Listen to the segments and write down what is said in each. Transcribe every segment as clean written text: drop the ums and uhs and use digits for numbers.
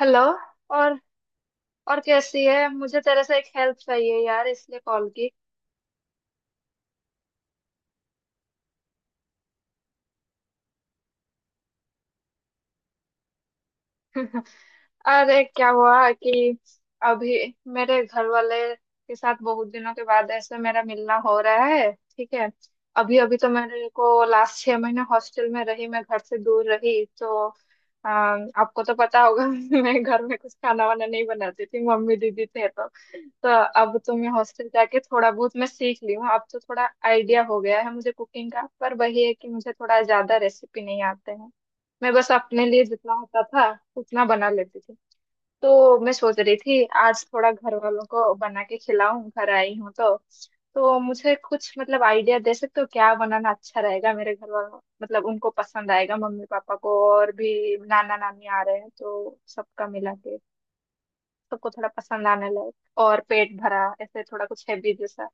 Hello. और और कैसी है। मुझे तेरे से एक हेल्प चाहिए यार इसलिए कॉल की। अरे क्या हुआ कि अभी मेरे घर वाले के साथ बहुत दिनों के बाद ऐसे मेरा मिलना हो रहा है। ठीक है। अभी अभी तो मेरे को लास्ट 6 महीने हॉस्टल में रही मैं घर से दूर रही तो आपको तो पता होगा। मैं घर में कुछ खाना वाना नहीं बनाती थी मम्मी दीदी थे तो अब तो मैं हॉस्टल जाके थोड़ा बहुत मैं सीख ली हूँ। अब तो थोड़ा आइडिया हो गया है मुझे कुकिंग का, पर वही है कि मुझे थोड़ा ज्यादा रेसिपी नहीं आते हैं। मैं बस अपने लिए जितना होता था उतना बना लेती थी। तो मैं सोच रही थी आज थोड़ा घर वालों को बना के खिलाऊं, घर आई हूँ तो। तो मुझे कुछ मतलब आइडिया दे सकते हो क्या बनाना अच्छा रहेगा मेरे घर वालों मतलब उनको पसंद आएगा। मम्मी पापा को और भी नाना नानी आ रहे हैं, तो सबका मिला के सबको थोड़ा पसंद आने लगे और पेट भरा ऐसे थोड़ा कुछ हैवी जैसा।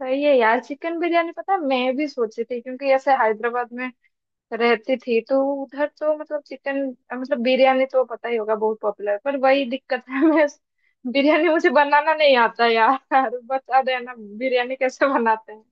तो ये यार चिकन बिरयानी पता है, मैं भी सोची थी, क्योंकि ऐसे हैदराबाद में रहती थी तो उधर तो मतलब चिकन मतलब बिरयानी तो पता ही होगा बहुत पॉपुलर। पर वही दिक्कत है, मैं बिरयानी मुझे बनाना नहीं आता यार। बता देना बिरयानी कैसे बनाते हैं।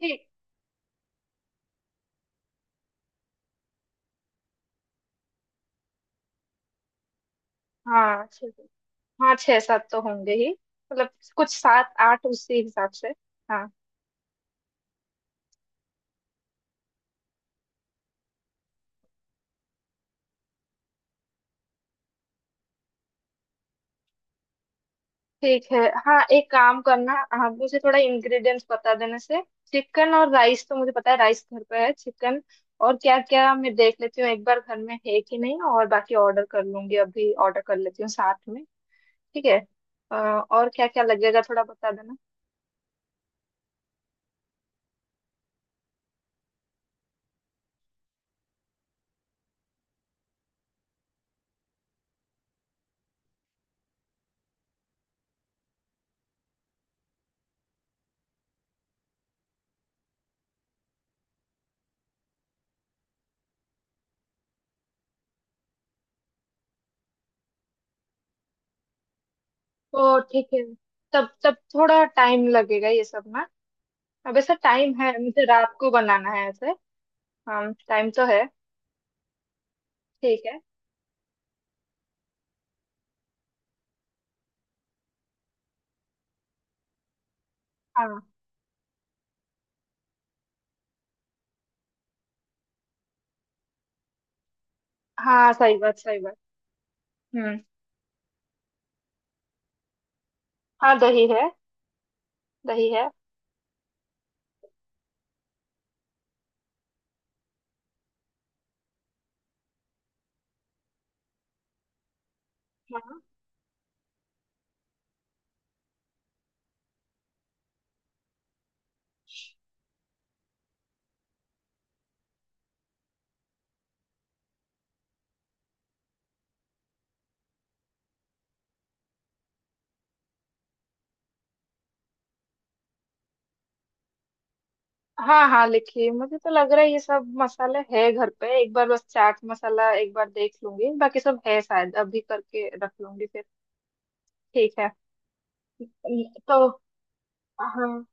ठीक। हाँ ठीक है। हाँ 6-7 तो होंगे ही। मतलब कुछ 7-8 उसी हिसाब से। हाँ। ठीक है। हाँ एक काम करना, आप मुझे थोड़ा इंग्रेडिएंट्स बता देने से। चिकन और राइस तो मुझे पता है, राइस घर पे है। चिकन और क्या क्या मैं देख लेती हूँ एक बार घर में है कि नहीं, और बाकी ऑर्डर कर लूंगी, अभी ऑर्डर कर लेती हूँ साथ में। ठीक है। और क्या क्या लगेगा थोड़ा बता देना। तो ठीक है। तब तब थोड़ा टाइम लगेगा ये सब ना। अब ऐसा टाइम है, मुझे रात को बनाना है ऐसे। हाँ टाइम तो है। ठीक है। हाँ। हाँ सही बात सही बात। हम्म। हाँ दही है दही है। हाँ। हाँ हाँ लिखिए, मुझे तो लग रहा है ये सब मसाला है घर पे। एक बार बस चाट मसाला एक बार देख लूंगी, बाकी सब है शायद, अभी करके रख लूंगी फिर। ठीक है। तो हाँ।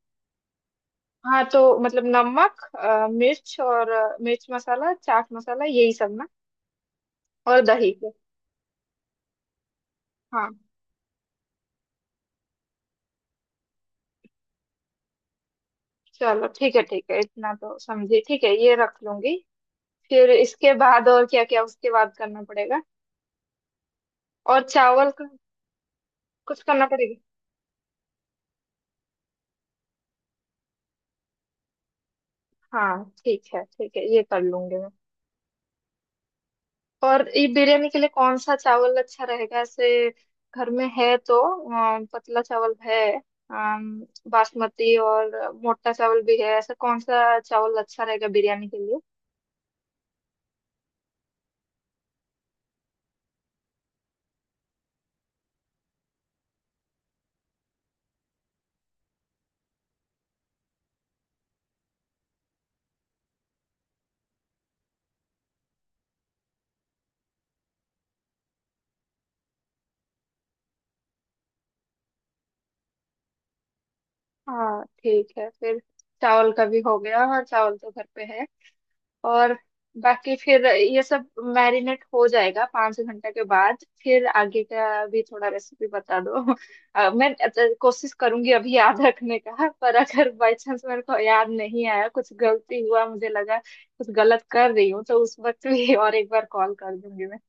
हाँ तो मतलब नमक, मिर्च, और मिर्च मसाला, चाट मसाला, यही सब ना। और दही। हाँ चलो ठीक है ठीक है, इतना तो समझी। ठीक है, ये रख लूंगी। फिर इसके बाद और क्या क्या, उसके बाद करना पड़ेगा, और चावल का कुछ करना पड़ेगा। हाँ ठीक है ठीक है, ये कर लूंगी मैं। और ये बिरयानी के लिए कौन सा चावल अच्छा रहेगा, ऐसे घर में है तो पतला चावल है, अम, बासमती और मोटा चावल भी है, ऐसा कौन सा चावल अच्छा रहेगा बिरयानी के लिए। हाँ ठीक है फिर। चावल का भी हो गया। हाँ चावल तो घर पे है। और बाकी फिर ये सब मैरिनेट हो जाएगा 5 घंटे के बाद, फिर आगे का भी थोड़ा रेसिपी बता दो। मैं कोशिश करूंगी अभी याद रखने का, पर अगर बाई चांस मेरे को याद नहीं आया, कुछ गलती हुआ, मुझे लगा कुछ गलत कर रही हूँ, तो उस वक्त भी और एक बार कॉल कर दूंगी मैं।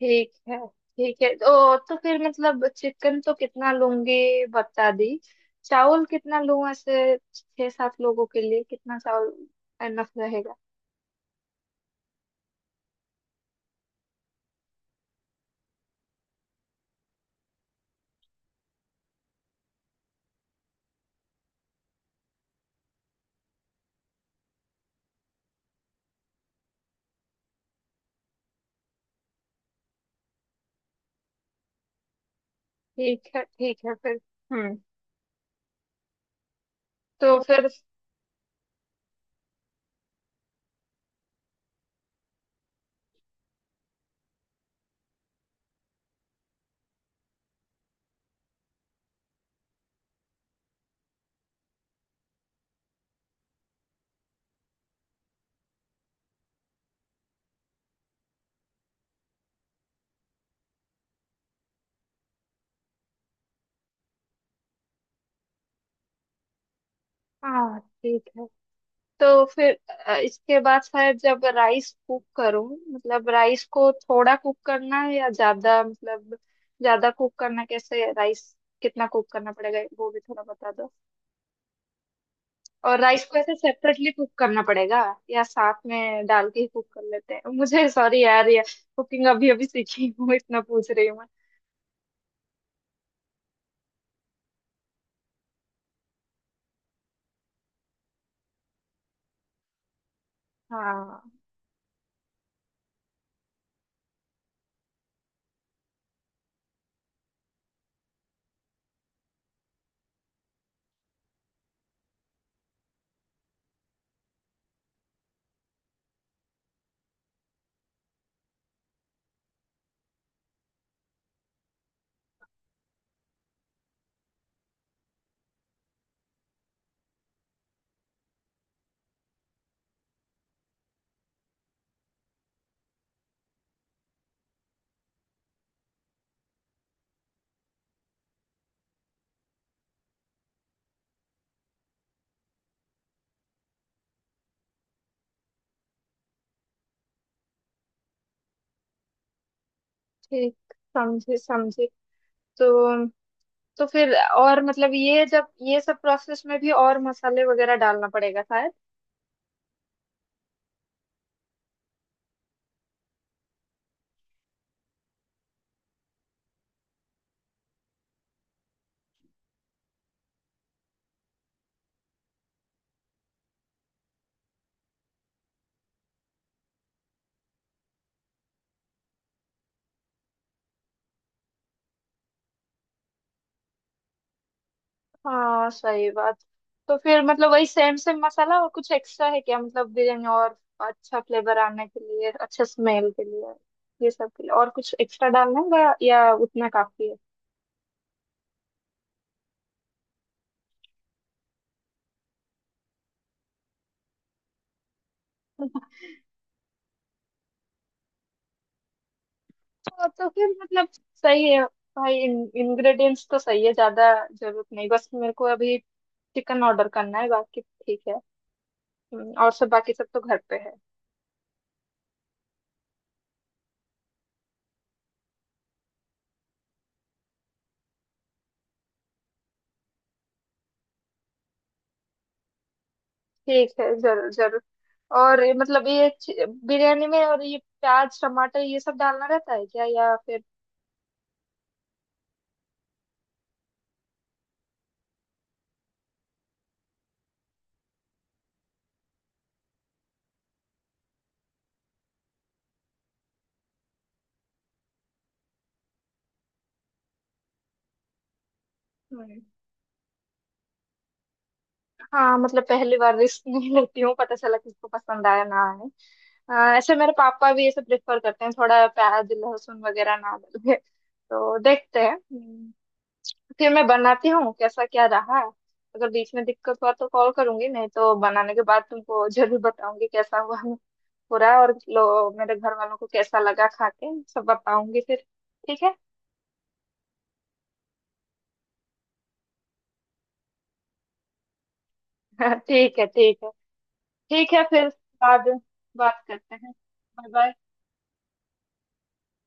ठीक है ठीक है। तो फिर मतलब चिकन तो कितना लूंगी बता दी, चावल कितना लूं ऐसे 6-7 लोगों के लिए, कितना चावल एनफ रहेगा। ठीक है फिर। हम्म। तो फिर। हाँ ठीक है। तो फिर इसके बाद शायद जब राइस कुक करूँ, मतलब राइस को थोड़ा कुक करना है या ज्यादा, मतलब ज्यादा कुक करना कैसे राइस, कितना कुक करना पड़ेगा वो भी थोड़ा बता दो। और राइस को ऐसे सेपरेटली कुक करना पड़ेगा या साथ में डाल के ही कुक कर लेते हैं। मुझे सॉरी यार ये कुकिंग अभी अभी सीखी हूँ, इतना पूछ रही हूँ मैं। हाँ ठीक। समझे समझे। तो तो फिर और मतलब ये जब ये सब प्रोसेस में भी और मसाले वगैरह डालना पड़ेगा शायद। हाँ सही बात। तो फिर मतलब वही सेम सेम मसाला, और कुछ एक्स्ट्रा है क्या, मतलब बिरयानी और अच्छा फ्लेवर आने के लिए, अच्छा स्मेल के लिए, ये सब के लिए और कुछ एक्स्ट्रा डालना होगा या उतना काफी है। तो फिर मतलब सही है। भाई इंग्रेडिएंट्स तो सही है, ज्यादा जरूरत नहीं, बस मेरे को अभी चिकन ऑर्डर करना है, बाकी ठीक है। और सब बाकी सब तो घर पे है। ठीक है, जरूर जरूर। और ये मतलब ये बिरयानी में और ये प्याज टमाटर ये सब डालना रहता है क्या या फिर। हम्म, हाँ मतलब पहली बार रिस्क नहीं लेती हूँ पता चला किसको पसंद आया ना आए। ऐसे मेरे पापा भी ये सब प्रेफर करते हैं, थोड़ा प्याज लहसुन वगैरह ना डाले तो देखते हैं। हम्म। फिर मैं बनाती हूँ कैसा क्या रहा, अगर बीच में दिक्कत हुआ तो कॉल करूंगी, नहीं तो बनाने के बाद तुमको जरूर बताऊंगी कैसा हुआ पूरा, और लो मेरे घर वालों को कैसा लगा खा के, सब बताऊंगी फिर। ठीक है। ठीक है ठीक है। ठीक है फिर बाद बात करते हैं। Bye bye.